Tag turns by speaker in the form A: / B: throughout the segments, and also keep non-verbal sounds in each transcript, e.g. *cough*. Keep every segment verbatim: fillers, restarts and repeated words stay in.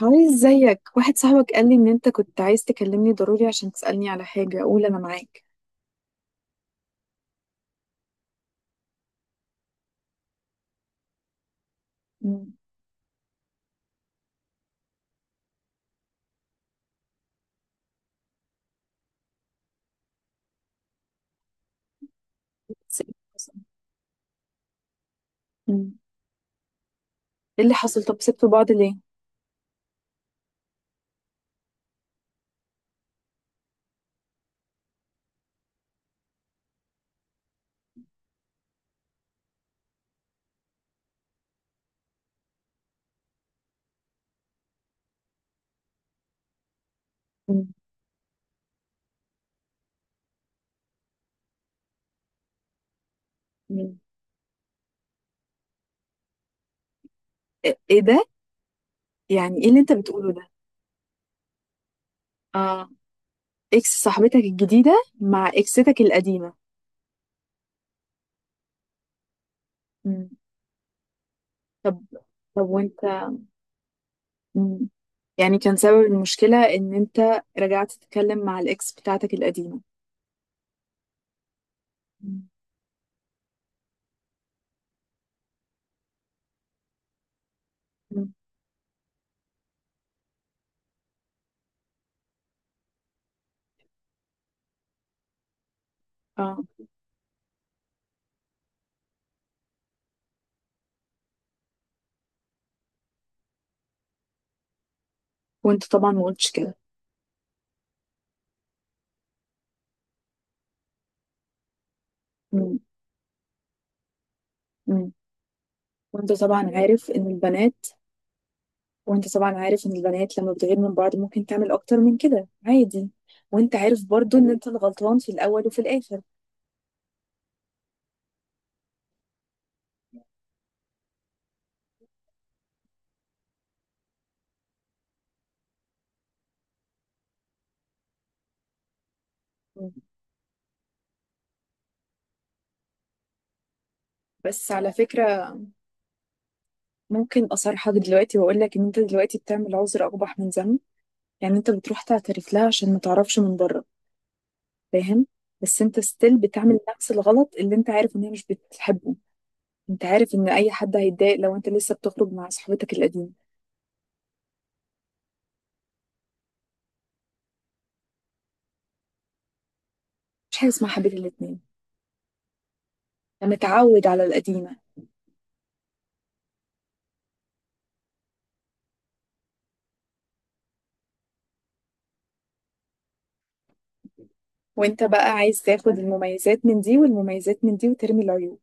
A: هاي، ازيك؟ واحد صاحبك قال لي ان انت كنت عايز تكلمني ضروري عشان تسألني على حاجة. اقول انا معاك. مم. بس ايه اللي حصل؟ مم. إيه اللي حصل؟ طب سبتوا بعض ليه؟ مم. مم. ايه إيه ده؟ يعني ايه اللي انت بتقوله ده؟ اه، اكس صاحبتك الجديدة مع اكستك القديمة. مم. طب. طب وانت. مم. يعني كان سبب المشكلة ان انت رجعت تتكلم مع الاكس بتاعتك القديمة؟ مم. مم. اه. وانت طبعا ما قلتش كده. مم. مم. وانت طبعا عارف ان البنات وانت طبعا عارف ان البنات لما بتغير من بعض ممكن تعمل اكتر من كده عادي. وانت عارف برضو ان انت الغلطان في الاول وفي الاخر. بس على فكرة، ممكن اصارحك دلوقتي واقول لك ان انت دلوقتي بتعمل عذر اقبح من ذنب. يعني انت بتروح تعترف لها عشان ما تعرفش من بره، فاهم؟ بس انت ستيل بتعمل نفس الغلط اللي انت عارف ان هي مش بتحبه. انت عارف ان اي حد هيتضايق لو انت لسه بتخرج مع صاحبتك القديمة. مش حاجة اسمها حبيب الاتنين. انا متعود على القديمة. وانت بقى عايز تاخد المميزات من دي والمميزات من دي وترمي العيوب.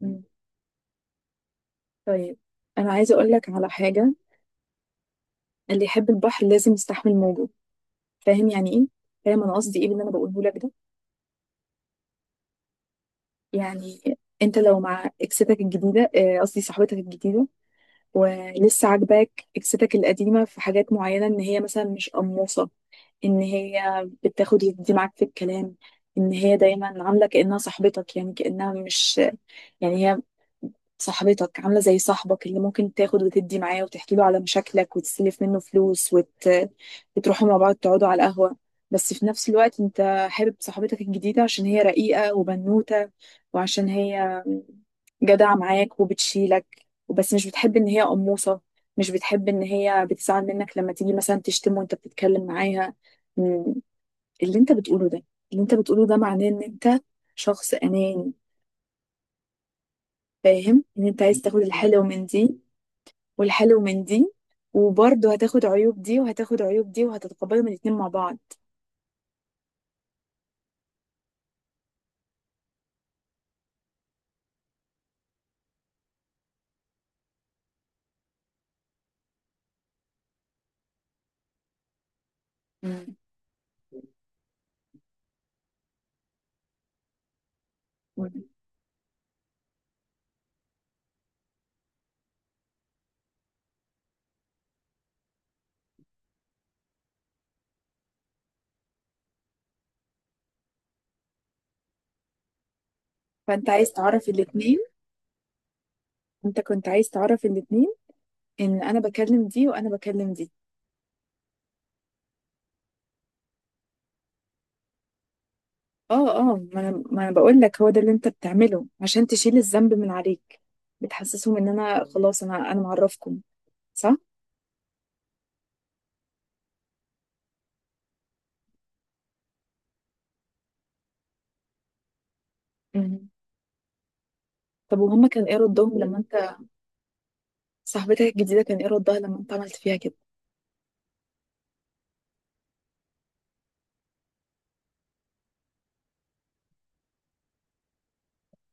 A: مم. طيب، انا عايزه اقول لك على حاجه. اللي يحب البحر لازم يستحمل موجه. فاهم يعني ايه؟ فاهم انا قصدي ايه باللي انا بقوله لك ده؟ يعني انت لو مع اكستك الجديده، آه، قصدي صاحبتك الجديده، ولسه عاجباك اكستك القديمه في حاجات معينه، ان هي مثلا مش قموصه، ان هي بتاخد وتدي معاك في الكلام، ان هي دايما عامله كانها صاحبتك، يعني كانها مش. يعني هي، صاحبتك عاملة زي صاحبك اللي ممكن تاخد وتدي معاه وتحكي له على مشاكلك وتسلف منه فلوس وت... وتروحوا مع بعض تقعدوا على القهوة. بس في نفس الوقت انت حابب صاحبتك الجديدة عشان هي رقيقة وبنوتة، وعشان هي جدعة معاك وبتشيلك، وبس مش بتحب ان هي قموصة، مش بتحب ان هي بتزعل منك لما تيجي مثلا تشتم وانت بتتكلم معاها. م، اللي انت بتقوله ده، اللي انت بتقوله ده معناه ان انت شخص اناني. فاهم ان انت عايز تاخد الحلو من دي والحلو من دي، وبرضه هتاخد عيوب دي وهتاخد عيوب دي وهتتقبلهم الاتنين مع بعض. مم. فانت عايز تعرف الاتنين. انت كنت عايز تعرف الاتنين، ان انا بكلم دي وانا بكلم دي. اه، اه، ما انا ما انا بقول لك هو ده اللي انت بتعمله عشان تشيل الذنب من عليك. بتحسسهم ان انا خلاص، انا انا معرفكم. صح. مم. طب وهما كان ايه ردهم لما انت. صاحبتك الجديده كان ايه ردها لما انت عملت فيها كده؟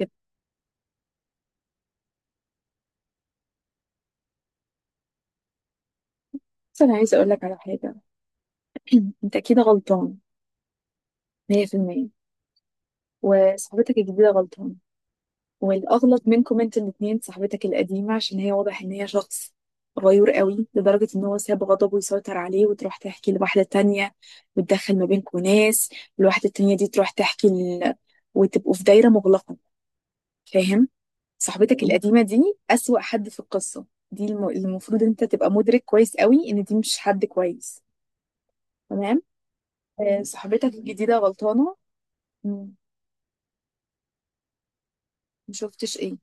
A: كده. بس انا عايزه اقول لك على حاجه. *clears throat* انت اكيد غلطان مية في المية. وصاحبتك الجديدة غلطانة. والأغلط منكم انتوا الاتنين صاحبتك القديمة، عشان هي واضح إن هي شخص غيور قوي لدرجة إن هو ساب غضبه يسيطر عليه وتروح تحكي لواحدة تانية، وتدخل ما بينكم ناس. الواحدة التانية دي تروح تحكي ل... وتبقوا في دايرة مغلقة. فاهم؟ صاحبتك القديمة دي أسوأ حد في القصة. دي الم... المفروض أنت تبقى مدرك كويس قوي إن دي مش حد كويس. تمام؟ آه، صاحبتك الجديدة غلطانة. مم. مشوفتش إيه؟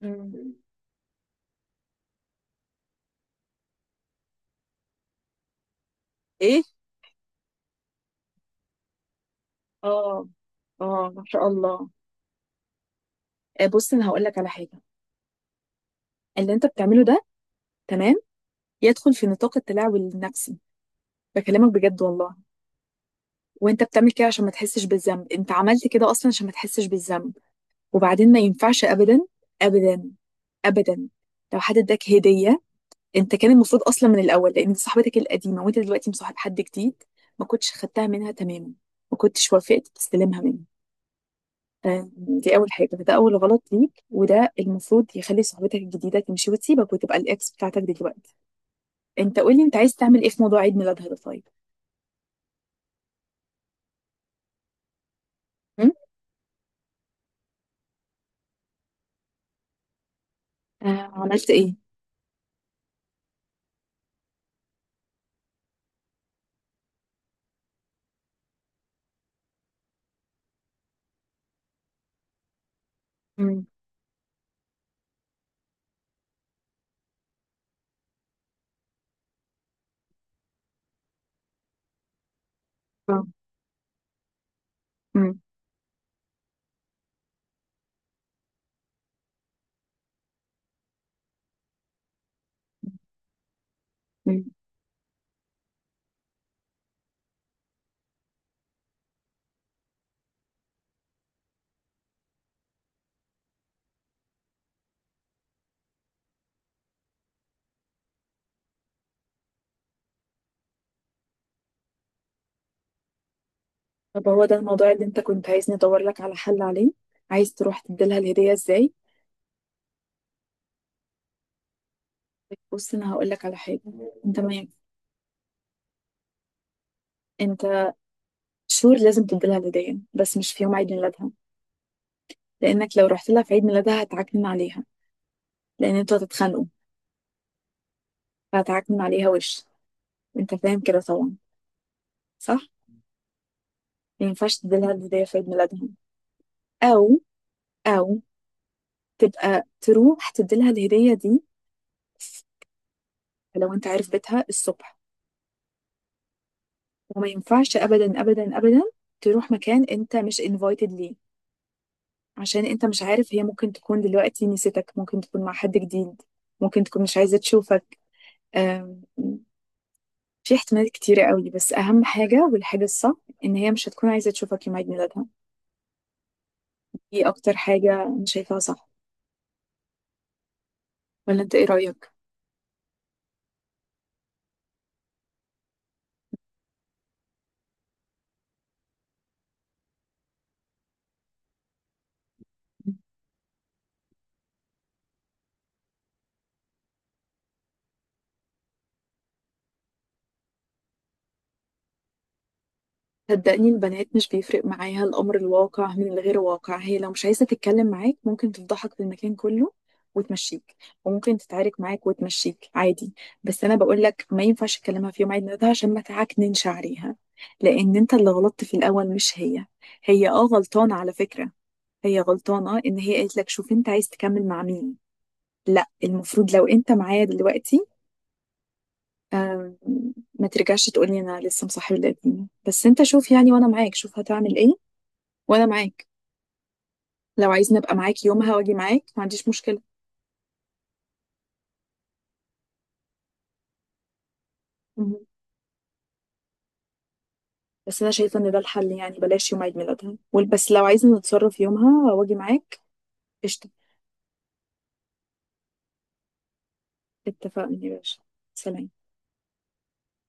A: مم. ايه. اه. اه، ما شاء الله. آه، بص انا هقول لك على حاجه. اللي انت بتعمله ده، تمام، يدخل في نطاق التلاعب النفسي. بكلمك بجد والله. وانت بتعمل كده عشان ما تحسش بالذنب، انت عملت كده اصلا عشان ما تحسش بالذنب. وبعدين ما ينفعش ابدا، ابدا، ابدا، لو حد اداك هديه. انت كان المفروض اصلا من الاول، لان دي صاحبتك القديمه وانت دلوقتي مصاحب حد جديد، ما كنتش خدتها منها تماما. ما كنتش وافقت تستلمها منه. آه، دي اول حاجه، فده اول غلط ليك، وده المفروض يخلي صاحبتك الجديده تمشي وتسيبك وتبقى الاكس بتاعتك دلوقتي. انت قولي انت عايز تعمل ايه في موضوع عيد ميلادها ده؟ طيب. م؟ آه. عملت ايه؟ م. آه. م. م. طب هو ده الموضوع اللي انت كنت عايزني ادور لك على حل عليه؟ عايز تروح تديلها الهديه ازاي؟ بص انا هقول لك على حاجه. انت ما ينفع- انت شهور لازم تديلها الهديه، بس مش في يوم عيد ميلادها. لانك لو رحت لها في عيد ميلادها هتعكنن عليها. لان انتوا هتتخانقوا، فهتعكنن عليها وش. انت فاهم كده طبعا، صح؟ ما ينفعش تديلها الهدية في عيد ميلادها. أو أو تبقى تروح تديلها الهدية دي لو أنت عارف بيتها الصبح. وما ينفعش أبدا، أبدا، أبدا تروح مكان أنت مش invited ليه، عشان أنت مش عارف، هي ممكن تكون دلوقتي نسيتك، ممكن تكون مع حد جديد، ممكن تكون مش عايزة تشوفك. أم، في احتمالات كتيرة قوي، بس أهم حاجة والحاجة الصح إن هي مش هتكون عايزة تشوفك يوم عيد ميلادها. دي أكتر حاجة أنا شايفاها صح. ولا أنت إيه رأيك؟ صدقني البنات مش بيفرق معاها الأمر الواقع من الغير واقع. هي لو مش عايزة تتكلم معاك ممكن تفضحك في المكان كله وتمشيك، وممكن تتعارك معاك وتمشيك عادي. بس أنا بقول لك ما ينفعش تكلمها في يوم عيد ميلادها عشان ما تعكننش عليها، لأن أنت اللي غلطت في الأول مش هي. هي أه غلطانة على فكرة، هي غلطانة إن هي قالت لك شوف أنت عايز تكمل مع مين. لا، المفروض لو أنت معايا دلوقتي، آم، ما ترجعش تقولي أنا لسه مصاحب القديم، بس أنت شوف يعني. وأنا معاك شوف هتعمل إيه. وانا معاك، لو عايزني ابقى معاك يومها واجي معاك ما عنديش مشكله. مهم. بس انا شايفه ان ده الحل، يعني بلاش يوم عيد ميلادها وال- بس لو عايزه نتصرف يومها واجي معاك. قشطه. اتفقنا يا باشا. سلام.